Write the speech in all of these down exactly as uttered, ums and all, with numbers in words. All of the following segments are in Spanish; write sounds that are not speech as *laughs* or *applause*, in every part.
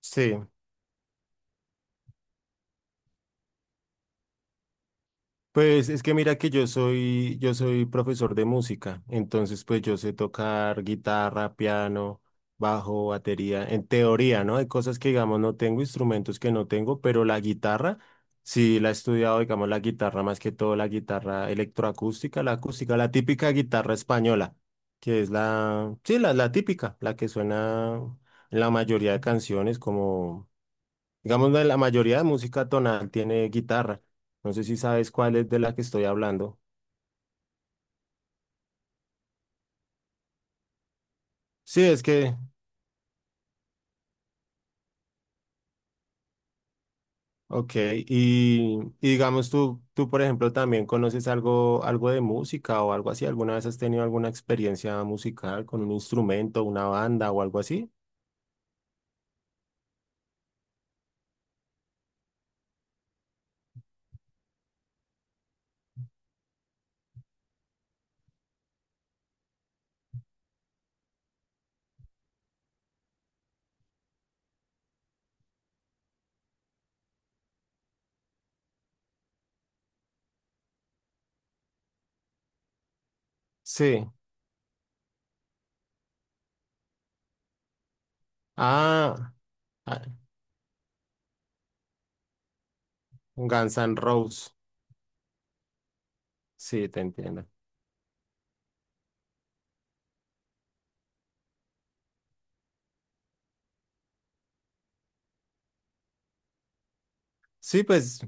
Sí, pues es que mira que yo soy, yo soy profesor de música, entonces pues yo sé tocar guitarra, piano, bajo, batería, en teoría, ¿no? Hay cosas que digamos no tengo, instrumentos que no tengo, pero la guitarra, sí la he estudiado, digamos la guitarra más que todo, la guitarra electroacústica, la acústica, la típica guitarra española, que es la, sí, la, la típica, la que suena en la mayoría de canciones como... Digamos, la la mayoría de música tonal tiene guitarra. No sé si sabes cuál es de la que estoy hablando. Sí, es que, ok. Y, y digamos, tú, tú, por ejemplo, también conoces algo, algo de música o algo así. ¿Alguna vez has tenido alguna experiencia musical con un instrumento, una banda o algo así? Sí. Ah, ah, Guns N' Roses. Sí, te entiendo. Sí, pues.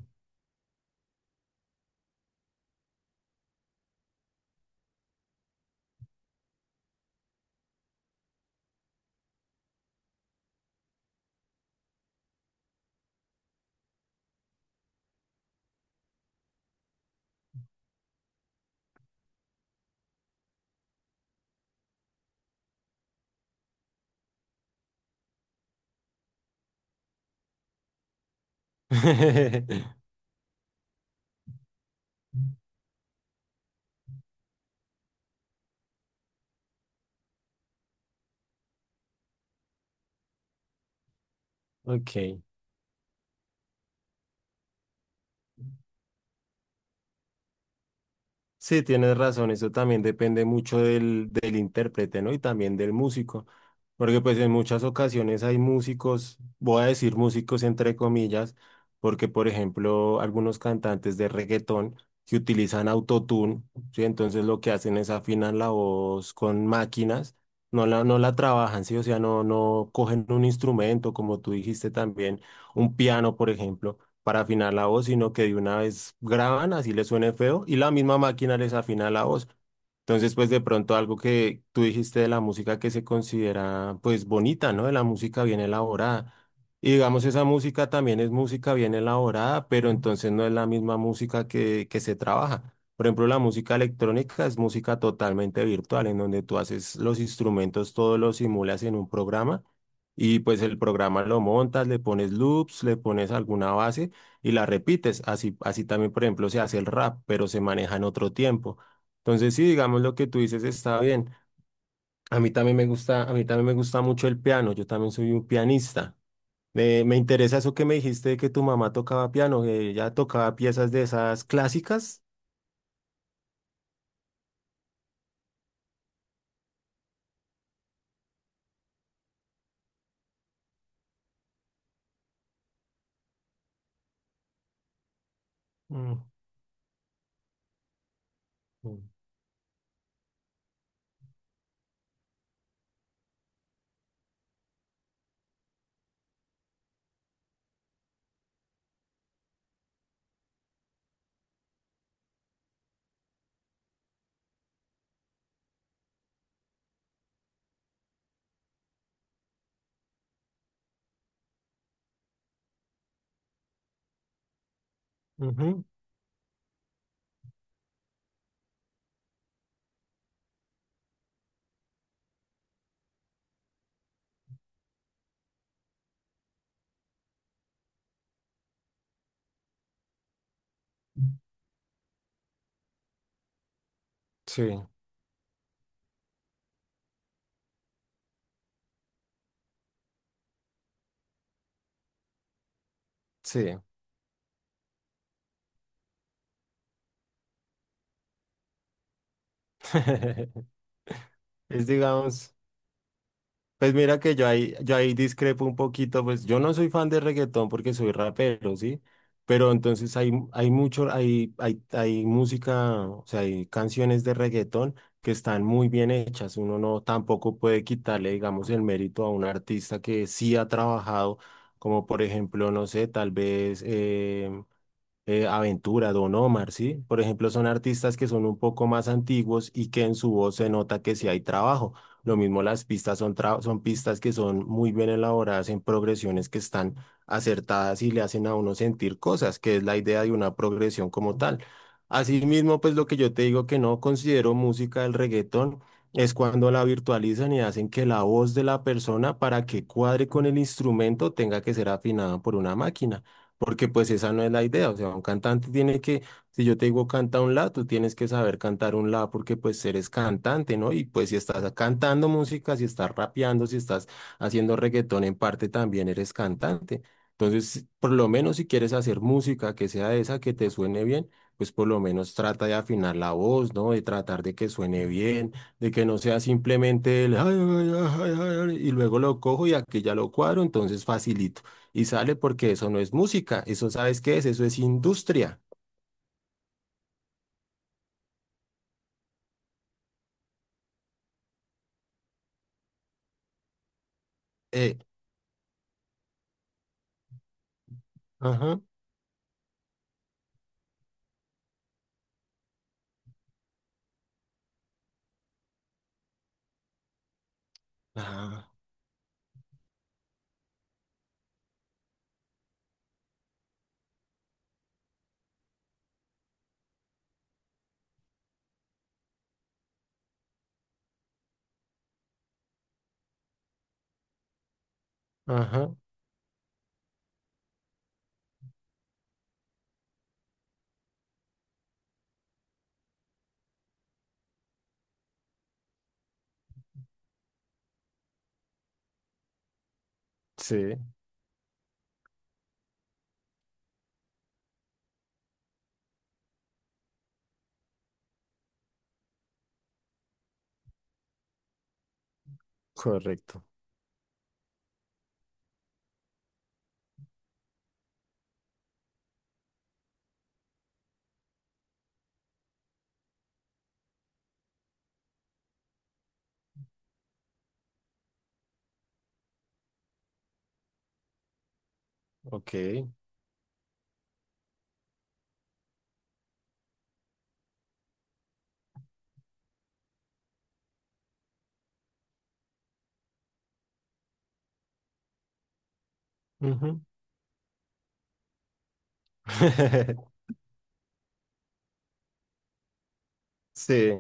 *laughs* Ok. Sí, tienes razón, eso también depende mucho del, del intérprete, ¿no? Y también del músico, porque pues en muchas ocasiones hay músicos, voy a decir músicos entre comillas, porque por ejemplo algunos cantantes de reggaetón que utilizan autotune, ¿sí? Entonces lo que hacen es afinan la voz con máquinas, no la, no la trabajan, ¿sí? O sea, no, no cogen un instrumento, como tú dijiste también, un piano, por ejemplo para afinar la voz, sino que de una vez graban, así les suene feo, y la misma máquina les afina la voz. Entonces, pues de pronto algo que tú dijiste de la música que se considera pues bonita, ¿no? De la música bien elaborada. Y digamos, esa música también es música bien elaborada, pero entonces no es la misma música que, que se trabaja. Por ejemplo, la música electrónica es música totalmente virtual, en donde tú haces los instrumentos, todos los simulas en un programa y pues el programa lo montas, le pones loops, le pones alguna base y la repites. Así, así también, por ejemplo, se hace el rap, pero se maneja en otro tiempo. Entonces, sí, digamos lo que tú dices está bien. A mí también me gusta, a mí también me gusta mucho el piano. Yo también soy un pianista. me me interesa eso que me dijiste de que tu mamá tocaba piano, que ella tocaba piezas de esas clásicas. Mm, mm, ujú. Sí, sí. *laughs* Es, digamos. Pues mira que yo ahí, yo ahí discrepo un poquito, pues yo no soy fan de reggaetón porque soy rapero, ¿sí? Pero entonces hay, hay mucho, hay, hay, hay música, o sea, hay canciones de reggaetón que están muy bien hechas. Uno no tampoco puede quitarle, digamos, el mérito a un artista que sí ha trabajado, como por ejemplo, no sé, tal vez eh, eh, Aventura, Don Omar, ¿sí? Por ejemplo, son artistas que son un poco más antiguos y que en su voz se nota que sí hay trabajo. Lo mismo las pistas son, tra- son pistas que son muy bien elaboradas en progresiones que están acertadas y le hacen a uno sentir cosas, que es la idea de una progresión como tal. Asimismo, pues lo que yo te digo que no considero música del reggaetón es cuando la virtualizan y hacen que la voz de la persona para que cuadre con el instrumento tenga que ser afinada por una máquina porque pues esa no es la idea, o sea, un cantante tiene que, si yo te digo canta un la, tú tienes que saber cantar un la porque pues eres cantante, ¿no? Y pues si estás cantando música, si estás rapeando, si estás haciendo reggaetón en parte también eres cantante. Entonces, por lo menos si quieres hacer música que sea esa, que te suene bien, pues por lo menos trata de afinar la voz, ¿no? De tratar de que suene bien, de que no sea simplemente el "ay, ay, ay, ay, ay", y luego lo cojo y aquí ya lo cuadro, entonces facilito y sale porque eso no es música, eso sabes qué es, eso es industria. Eh, ajá, ajá, ajá, sí, correcto, ok. Ujú. *laughs* Sí,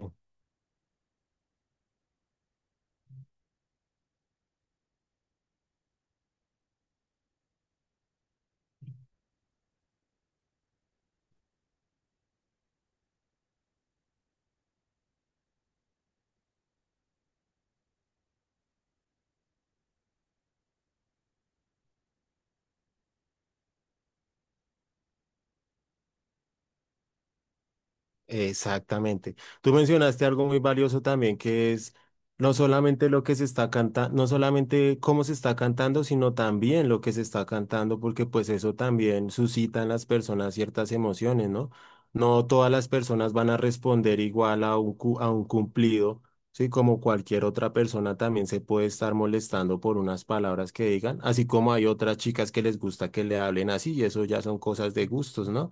exactamente. Tú mencionaste algo muy valioso también, que es no solamente lo que se está cantando, no solamente cómo se está cantando, sino también lo que se está cantando, porque pues eso también suscita en las personas ciertas emociones, ¿no? No todas las personas van a responder igual a un, cu- a un cumplido, ¿sí? Como cualquier otra persona también se puede estar molestando por unas palabras que digan, así como hay otras chicas que les gusta que le hablen así, y eso ya son cosas de gustos, ¿no?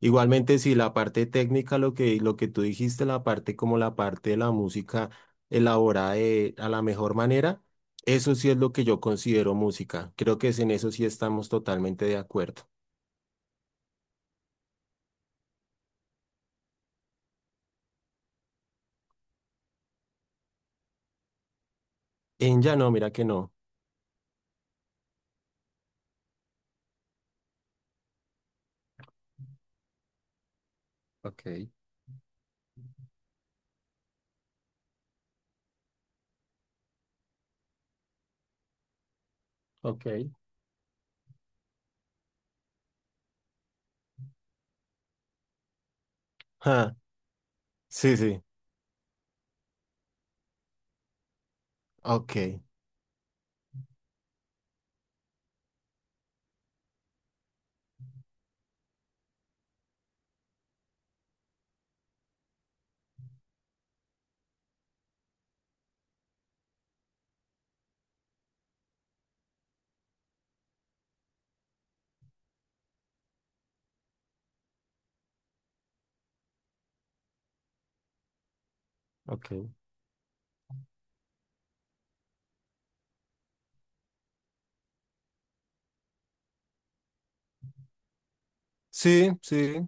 Igualmente, si la parte técnica, lo que, lo que tú dijiste, la parte como la parte de la música elaborada de- a la mejor manera, eso sí es lo que yo considero música. Creo que es en eso sí estamos totalmente de acuerdo. En ya no, mira que no. Ok, ok, ah, sí, sí. Ok. Ok. Sí, sí.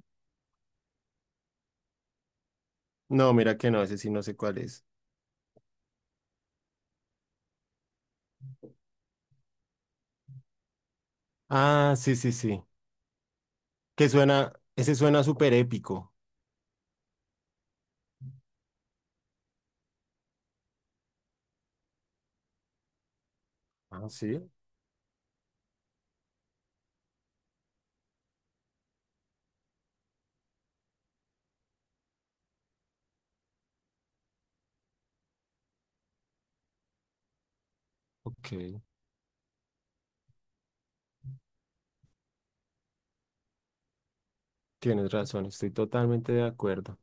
No, mira que no, ese sí no sé cuál es. Ah, sí, sí, sí. Que suena, ese suena súper épico. Ah, sí, ok. Tienes razón, estoy totalmente de acuerdo.